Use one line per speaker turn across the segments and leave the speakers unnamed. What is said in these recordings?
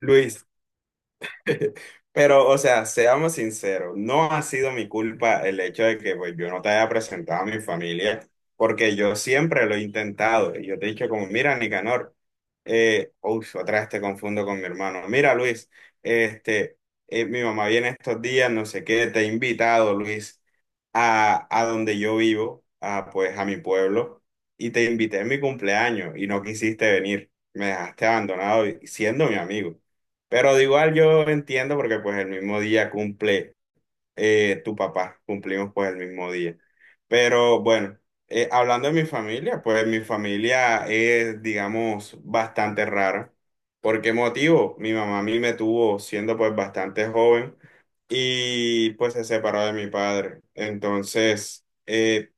Luis, pero o sea, seamos sinceros, no ha sido mi culpa el hecho de que pues, yo no te haya presentado a mi familia, porque yo siempre lo he intentado. Y yo te he dicho como, mira, Nicanor, uy, otra vez te confundo con mi hermano. Mira, Luis, este, mi mamá viene estos días, no sé qué, te he invitado, Luis, a donde yo vivo, a, pues a mi pueblo, y te invité en mi cumpleaños y no quisiste venir. Me dejaste abandonado y- siendo mi amigo. Pero de igual yo entiendo porque pues el mismo día cumple tu papá, cumplimos pues el mismo día. Pero bueno, hablando de mi familia, pues mi familia es, digamos, bastante rara. ¿Por qué motivo? Mi mamá a mí me tuvo siendo pues bastante joven y pues se separó de mi padre. Entonces,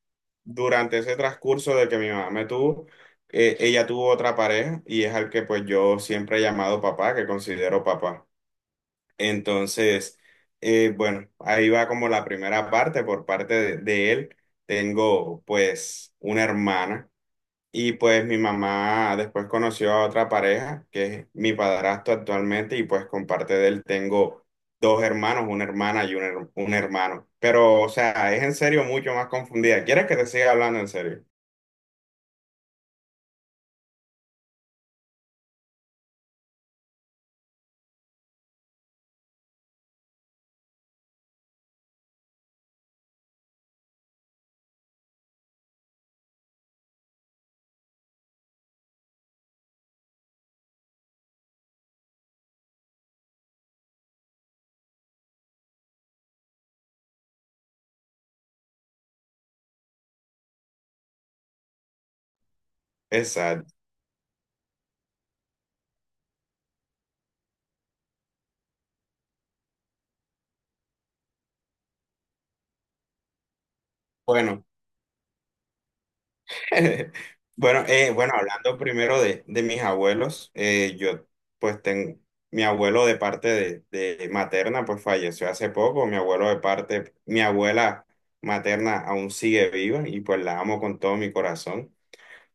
durante ese transcurso de que mi mamá me tuvo, ella tuvo otra pareja y es al que pues yo siempre he llamado papá, que considero papá. Entonces, bueno, ahí va como la primera parte por parte de él. Tengo pues una hermana y pues mi mamá después conoció a otra pareja que es mi padrastro actualmente y pues con parte de él tengo dos hermanos, una hermana y un, her- un hermano. Pero o sea, es en serio mucho más confundida. ¿Quieres que te siga hablando en serio? Exacto. Bueno. Bueno, bueno, hablando primero de mis abuelos, yo pues tengo mi abuelo de parte de materna, pues falleció hace poco, mi abuelo de parte, mi abuela materna aún sigue viva y pues la amo con todo mi corazón.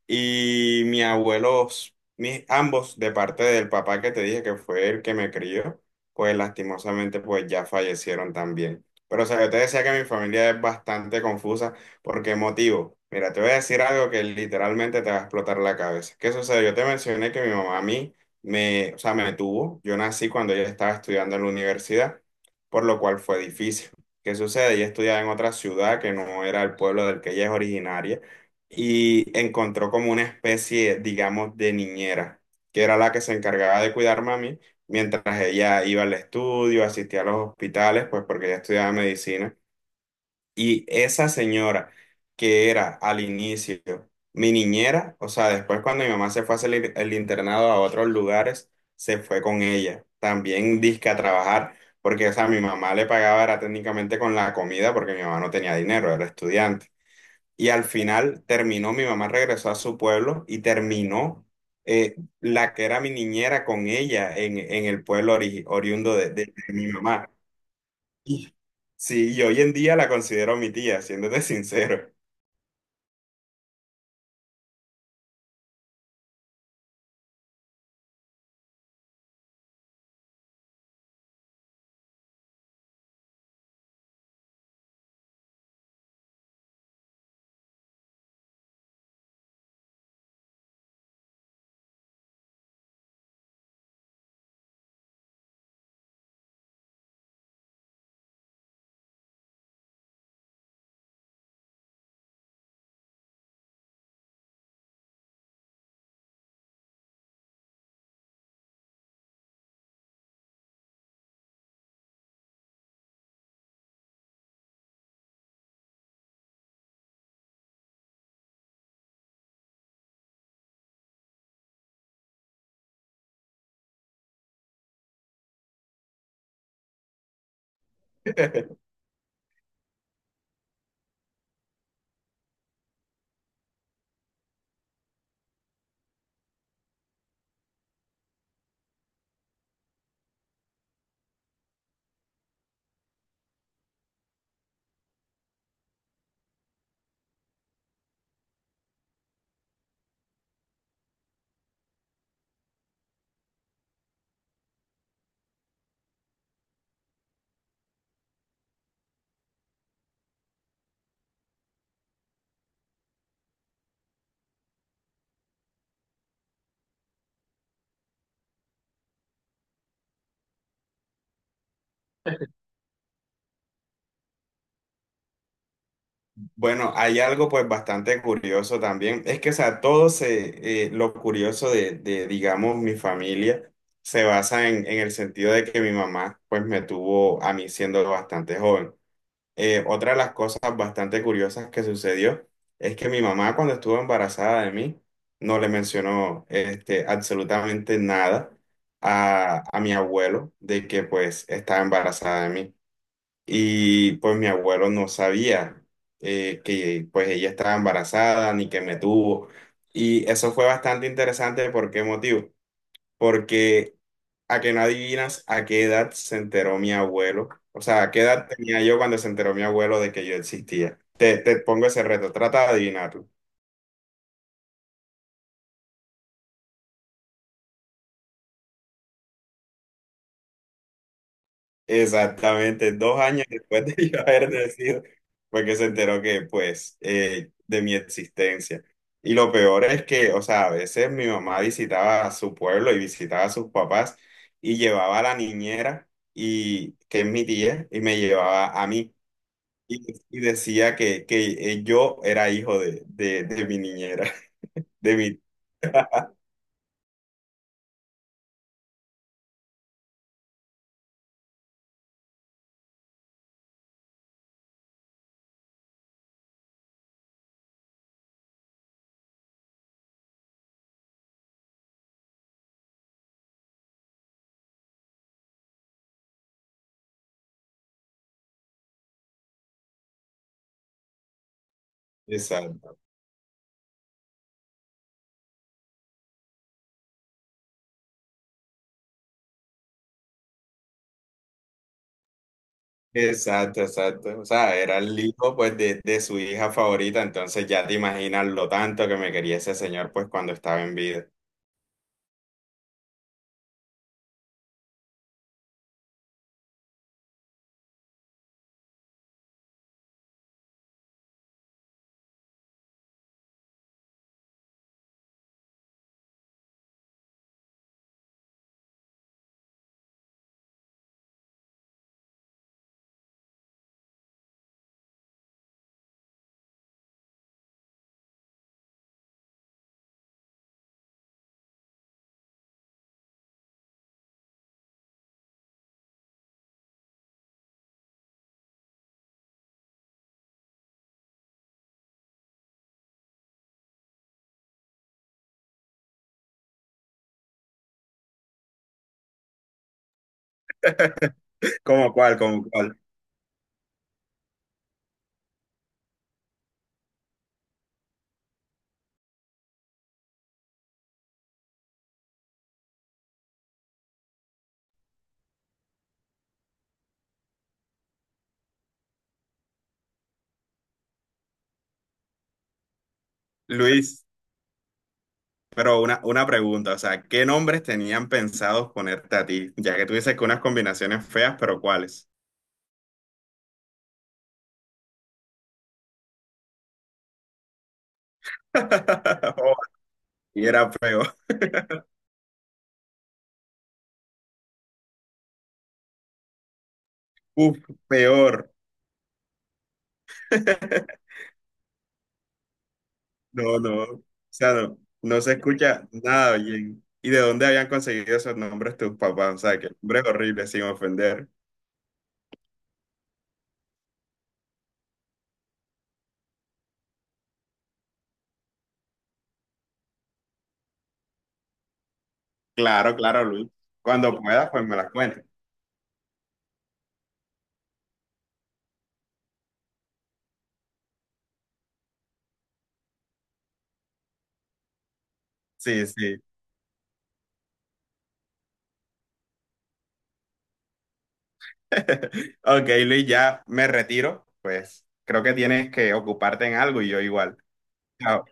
Y mis abuelos, mis, ambos, de parte del papá que te dije que fue el que me crió, pues lastimosamente pues ya fallecieron también. Pero o sea, yo te decía que mi familia es bastante confusa. ¿Por qué motivo? Mira, te voy a decir algo que literalmente te va a explotar la cabeza. ¿Qué sucede? Yo te mencioné que mi mamá a mí me, o sea, me tuvo. Yo nací cuando ella estaba estudiando en la universidad, por lo cual fue difícil. ¿Qué sucede? Ella estudiaba en otra ciudad que no era el pueblo del que ella es originaria y encontró como una especie, digamos, de niñera, que era la que se encargaba de cuidar a mí mientras ella iba al estudio, asistía a los hospitales, pues porque ella estudiaba medicina. Y esa señora que era al inicio mi niñera, o sea, después cuando mi mamá se fue a hacer el internado a otros lugares, se fue con ella, también disque a trabajar. Porque, o sea, mi mamá le pagaba era técnicamente con la comida porque mi mamá no tenía dinero, era estudiante. Y al final terminó, mi mamá regresó a su pueblo y terminó la que era mi niñera con ella en el pueblo ori- oriundo de mi mamá. Y, sí, y hoy en día la considero mi tía, siéndote sincero. Bueno, hay algo pues bastante curioso también. Es que, o sea, todo se, lo curioso de, digamos, mi familia se basa en el sentido de que mi mamá pues me tuvo a mí siendo bastante joven. Otra de las cosas bastante curiosas que sucedió es que mi mamá cuando estuvo embarazada de mí no le mencionó este, absolutamente nada a, a mi abuelo de que pues estaba embarazada de mí. Y pues mi abuelo no sabía que pues ella estaba embarazada ni que me tuvo. Y eso fue bastante interesante. ¿Por qué motivo? Porque a que no adivinas a qué edad se enteró mi abuelo. O sea, a qué edad tenía yo cuando se enteró mi abuelo de que yo existía. Te pongo ese reto, trata de adivinarlo. Exactamente, 2 años después de yo haber nacido, fue que se enteró que, pues, de mi existencia. Y lo peor es que, o sea, a veces mi mamá visitaba a su pueblo y visitaba a sus papás y llevaba a la niñera, y, que es mi tía, y me llevaba a mí. Y, y decía que yo era hijo de mi niñera, de mi... Exacto, exacto, exacto. O sea, era el hijo pues de su hija favorita, entonces ya te imaginas lo tanto que me quería ese señor pues cuando estaba en vida. ¿Cómo cuál, cómo cuál? Luis, pero una pregunta, o sea, ¿qué nombres tenían pensados ponerte a ti? Ya que tú dices que unas combinaciones feas, pero ¿cuáles? Oh, y era peor. Uf, peor. No, no, o sea, no, no se escucha nada bien. ¿Y de dónde habían conseguido esos nombres tus papás? O sea, que nombres horribles, sin ofender. Claro, claro, Luis. Cuando puedas, pues me las cuentes. Sí, sí. Ok, Luis, ya me retiro. Pues creo que tienes que ocuparte en algo y yo igual. Chao.